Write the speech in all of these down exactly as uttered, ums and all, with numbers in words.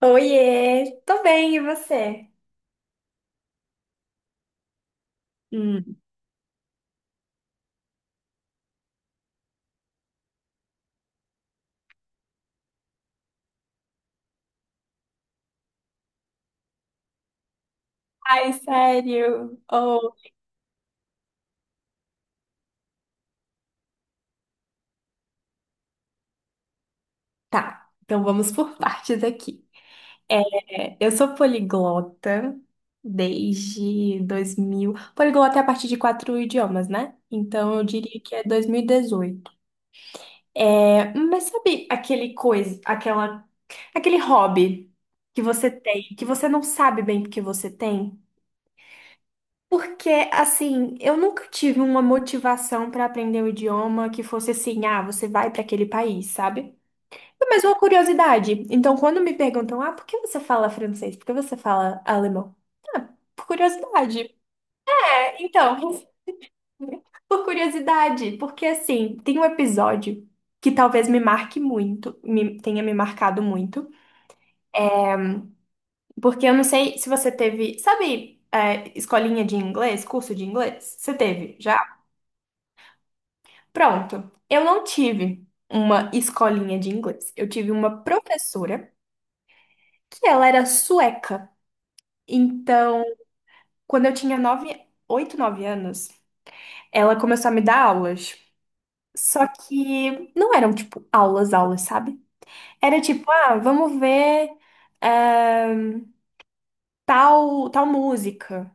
Oiê, tô bem, e você? Hum. Ai, sério? Oh. Tá, então vamos por partes aqui. É, eu sou poliglota desde dois mil. Poliglota é a partir de quatro idiomas, né? Então eu diria que é dois mil e dezoito. É, mas sabe aquele coisa, aquela, aquele hobby que você tem, que você não sabe bem porque você tem? Porque, assim, eu nunca tive uma motivação para aprender o idioma que fosse assim, ah, você vai para aquele país, sabe? É mais uma curiosidade. Então, quando me perguntam, ah, por que você fala francês? Por que você fala alemão? Por curiosidade. É, então, por curiosidade, porque assim, tem um episódio que talvez me marque muito, me- tenha me marcado muito, porque eu não sei se você teve, sabe, é, escolinha de inglês, curso de inglês? Você teve já? Pronto, eu não tive uma escolinha de inglês. Eu tive uma professora que ela era sueca. Então, quando eu tinha nove, oito, nove anos, ela começou a me dar aulas. Só que não eram, tipo, aulas, aulas, sabe? Era tipo, ah, vamos ver eh, tal, tal música.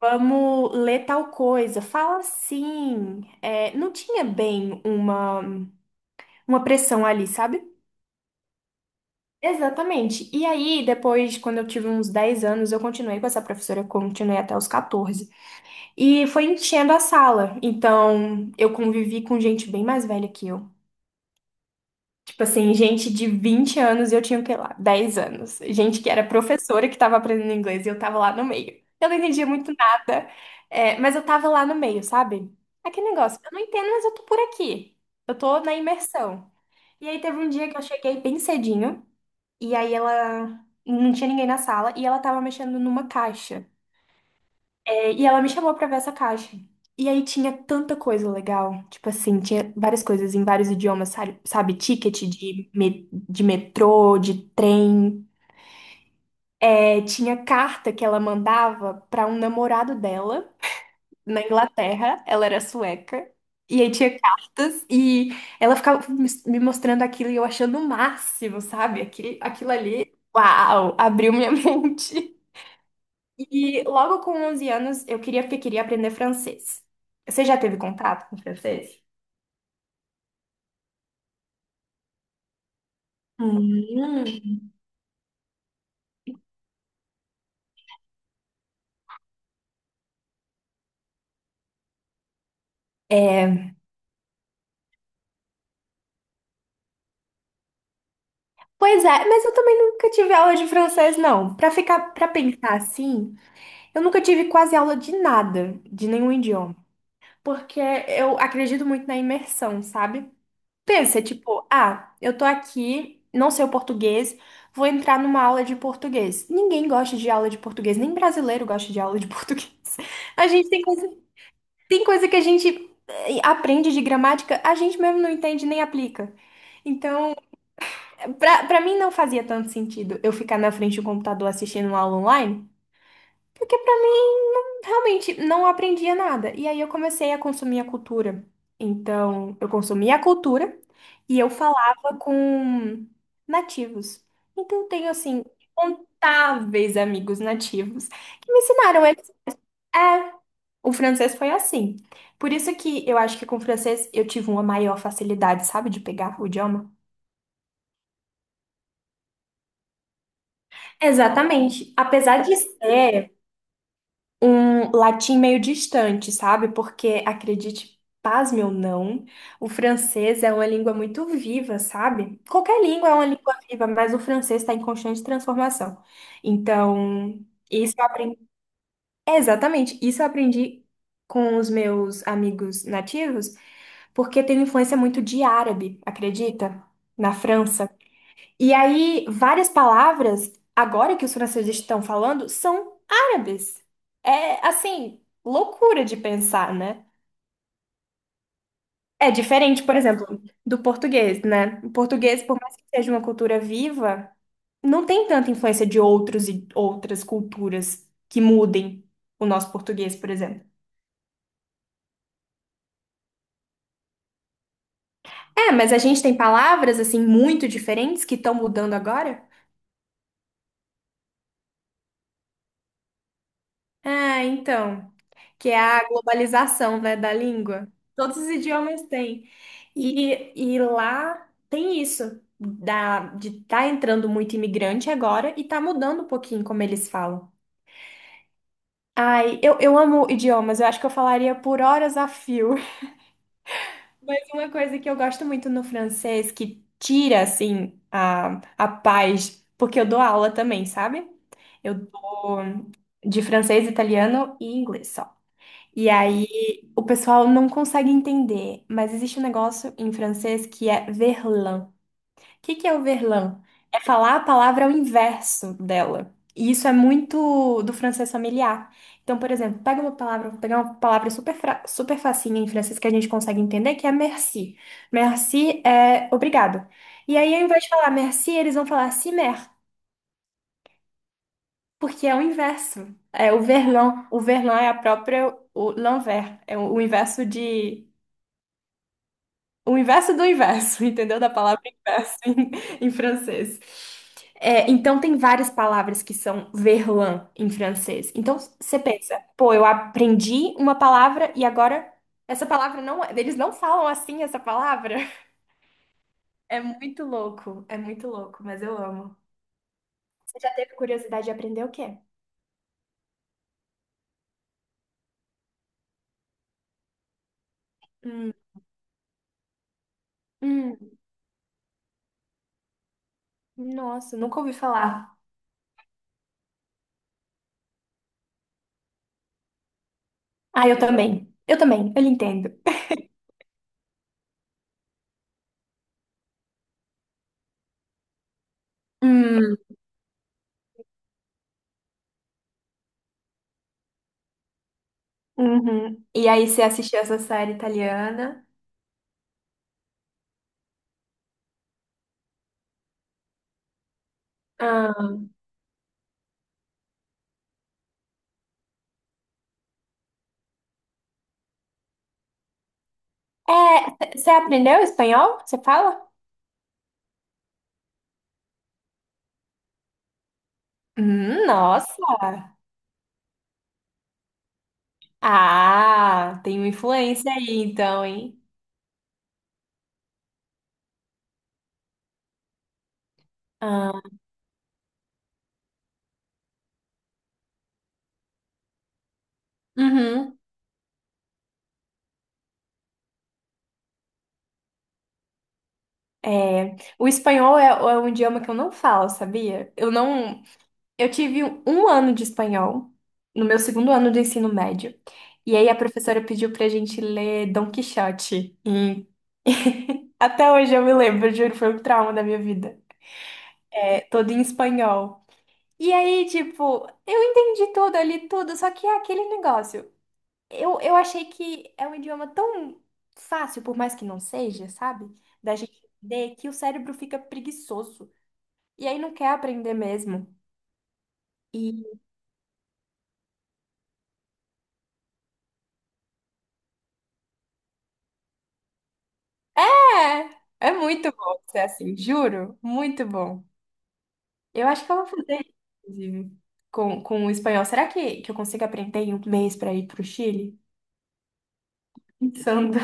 Vamos ler tal coisa. Fala assim. Eh, não tinha bem uma, uma pressão ali, sabe? Exatamente. E aí, depois, quando eu tive uns dez anos, eu continuei com essa professora, eu continuei até os quatorze. E foi enchendo a sala. Então, eu convivi com gente bem mais velha que eu. Tipo assim, gente de vinte anos e eu tinha, o que lá, dez anos. Gente que era professora que tava aprendendo inglês e eu tava lá no meio. Eu não entendia muito nada, é, mas eu tava lá no meio, sabe? Aquele negócio, eu não entendo, mas eu tô por aqui. Eu tô na imersão. E aí teve um dia que eu cheguei bem cedinho. E aí ela não tinha ninguém na sala e ela tava mexendo numa caixa. É, e ela me chamou pra ver essa caixa. E aí tinha tanta coisa legal, tipo assim, tinha várias coisas em vários idiomas, sabe? Sabe, ticket de, me- de metrô, de trem. É, tinha carta que ela mandava pra um namorado dela na Inglaterra, ela era sueca. E aí tinha cartas e ela ficava me me mostrando aquilo e eu achando o máximo, sabe? Aquilo, aquilo ali, uau, abriu minha mente. E logo com onze anos eu queria porque queria aprender francês. Você já teve contato com francês? Hum. Pois é, mas eu também nunca tive aula de francês, não. Pra ficar, para pensar assim, eu nunca tive quase aula de nada, de nenhum idioma, porque eu acredito muito na imersão, sabe? Pensa, tipo, ah, eu tô aqui, não sei o português, vou entrar numa aula de português. Ninguém gosta de aula de português, nem brasileiro gosta de aula de português. A gente tem que Tem coisa que a gente eh, aprende de gramática, a gente mesmo não entende nem aplica. Então, pra, pra mim não fazia tanto sentido eu ficar na frente do computador assistindo uma aula online, porque pra mim realmente não aprendia nada. E aí eu comecei a consumir a cultura. Então, eu consumia a cultura e eu falava com nativos. Então, eu tenho assim. Incontáveis amigos nativos que me ensinaram. É, o francês foi assim. Por isso que eu acho que com o francês eu tive uma maior facilidade, sabe, de pegar o idioma. Exatamente. Apesar de ser um latim meio distante, sabe? Porque, acredite, pasme ou não, o francês é uma língua muito viva, sabe? Qualquer língua é uma língua viva, mas o francês está em constante transformação. Então, isso eu aprendi. Exatamente, isso eu aprendi com os meus amigos nativos. Porque teve influência muito de árabe, acredita? Na França. E aí, várias palavras, agora que os franceses estão falando, são árabes. É, assim, loucura de pensar, né? É diferente, por exemplo, do português, né? O português, por mais que seja uma cultura viva, não tem tanta influência de outros e outras culturas que mudem o nosso português, por exemplo. É, mas a gente tem palavras, assim, muito diferentes que estão mudando agora? Ah, então. Que é a globalização, né, da língua. Todos os idiomas têm. E, e lá tem isso, da, de tá entrando muito imigrante agora e tá mudando um pouquinho como eles falam. Ai, eu, eu amo idiomas, eu acho que eu falaria por horas a fio. Mas uma coisa que eu gosto muito no francês, que tira, assim, a, a paz, porque eu dou aula também, sabe? Eu, de francês, italiano e inglês só. E aí o pessoal não consegue entender, mas existe um negócio em francês que é verlan. O que que é o verlan? É falar a palavra ao inverso dela. E isso é muito do francês familiar. Então, por exemplo, pega uma palavra, vou pegar uma palavra super, fra- super facinha em francês que a gente consegue entender, que é merci. Merci é obrigado. E aí, ao invés de falar merci, eles vão falar cimer, porque é o inverso. É o verlan. O verlan é a própria, o l'envers, é o o inverso de, o inverso do inverso, entendeu? Da palavra inverso em, em francês. É, então, tem várias palavras que são verlan em francês. Então, você pensa, pô, eu aprendi uma palavra e agora essa palavra não. é- Eles não falam assim essa palavra. É muito louco, é muito louco, mas eu amo. Já teve curiosidade de aprender o quê? Hum, hum, nossa, nunca ouvi falar. Ah, eu também. Eu também, eu lhe entendo. Hum, uhum. E aí, você assistiu essa série italiana? Ah. É, você aprendeu espanhol? Você fala? Hum, nossa! Ah, tem uma influência aí então, hein? Ah, uhum. É, o espanhol é, é um idioma que eu não falo, sabia? Eu não. Eu tive um ano de espanhol no meu segundo ano do ensino médio. E aí a professora pediu pra gente ler Dom Quixote. E até hoje eu me lembro, juro, foi um trauma da minha vida. É, todo em espanhol. E aí, tipo, eu entendi tudo ali, tudo, só que é aquele negócio. Eu, eu achei que é um idioma tão fácil, por mais que não seja, sabe? Da gente entender que o cérebro fica preguiçoso. E aí não quer aprender mesmo. E é, é muito bom ser assim, juro, muito bom. Eu acho que eu vou fazer, inclusive, com, com o espanhol. Será que, que eu consigo aprender em um mês pra ir pro Chile? Pensando.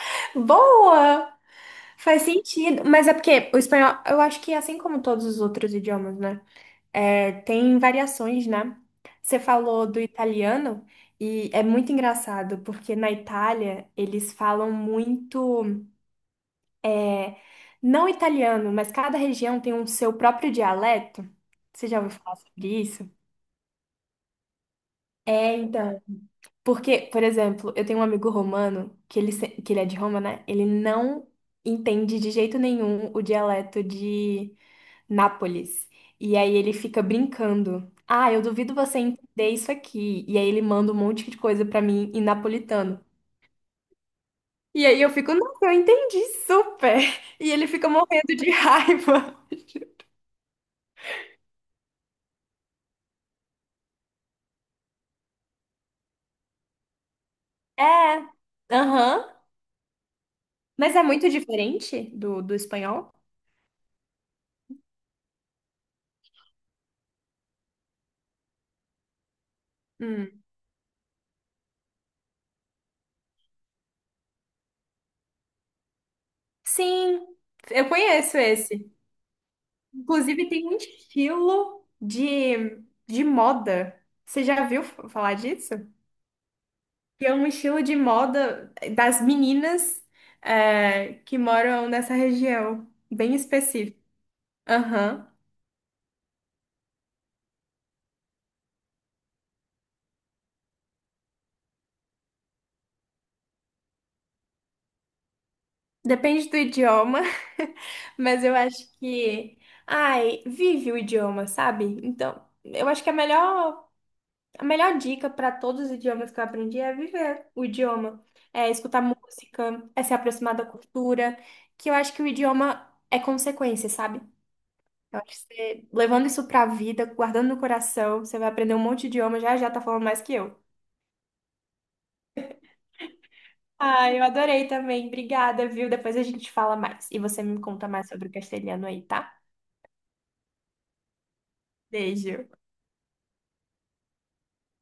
Boa! Faz sentido, mas é porque o espanhol, eu acho que assim como todos os outros idiomas, né? É, tem variações, né? Você falou do italiano e é muito engraçado, porque na Itália eles falam muito, não italiano, mas cada região tem um seu próprio dialeto. Você já ouviu falar sobre isso? É, então. Porque, por exemplo, eu tenho um amigo romano, que ele, se- que ele é de Roma, né? Ele não entende de jeito nenhum o dialeto de Nápoles. E aí ele fica brincando. Ah, eu duvido você entender isso aqui. E aí ele manda um monte de coisa pra mim em napolitano. E aí eu fico, nossa, eu entendi super. E ele fica morrendo de raiva. É, aham. Mas é muito diferente do, do espanhol? Hum. Sim, eu conheço esse. Inclusive, tem um estilo de, de moda. Você já viu f- falar disso? Que é um estilo de moda das meninas é, que moram nessa região, bem específico. Aham. Depende do idioma, mas eu acho que. Ai, vive o idioma, sabe? Então, eu acho que a melhor a melhor dica para todos os idiomas que eu aprendi é viver o idioma, é escutar música, é se aproximar da cultura, que eu acho que o idioma é consequência, sabe? Eu acho que você, levando isso para a vida, guardando no coração, você vai aprender um monte de idioma, já já tá falando mais que eu. Ah, eu adorei também. Obrigada, viu? Depois a gente fala mais. E você me conta mais sobre o castelhano aí, tá? Beijo.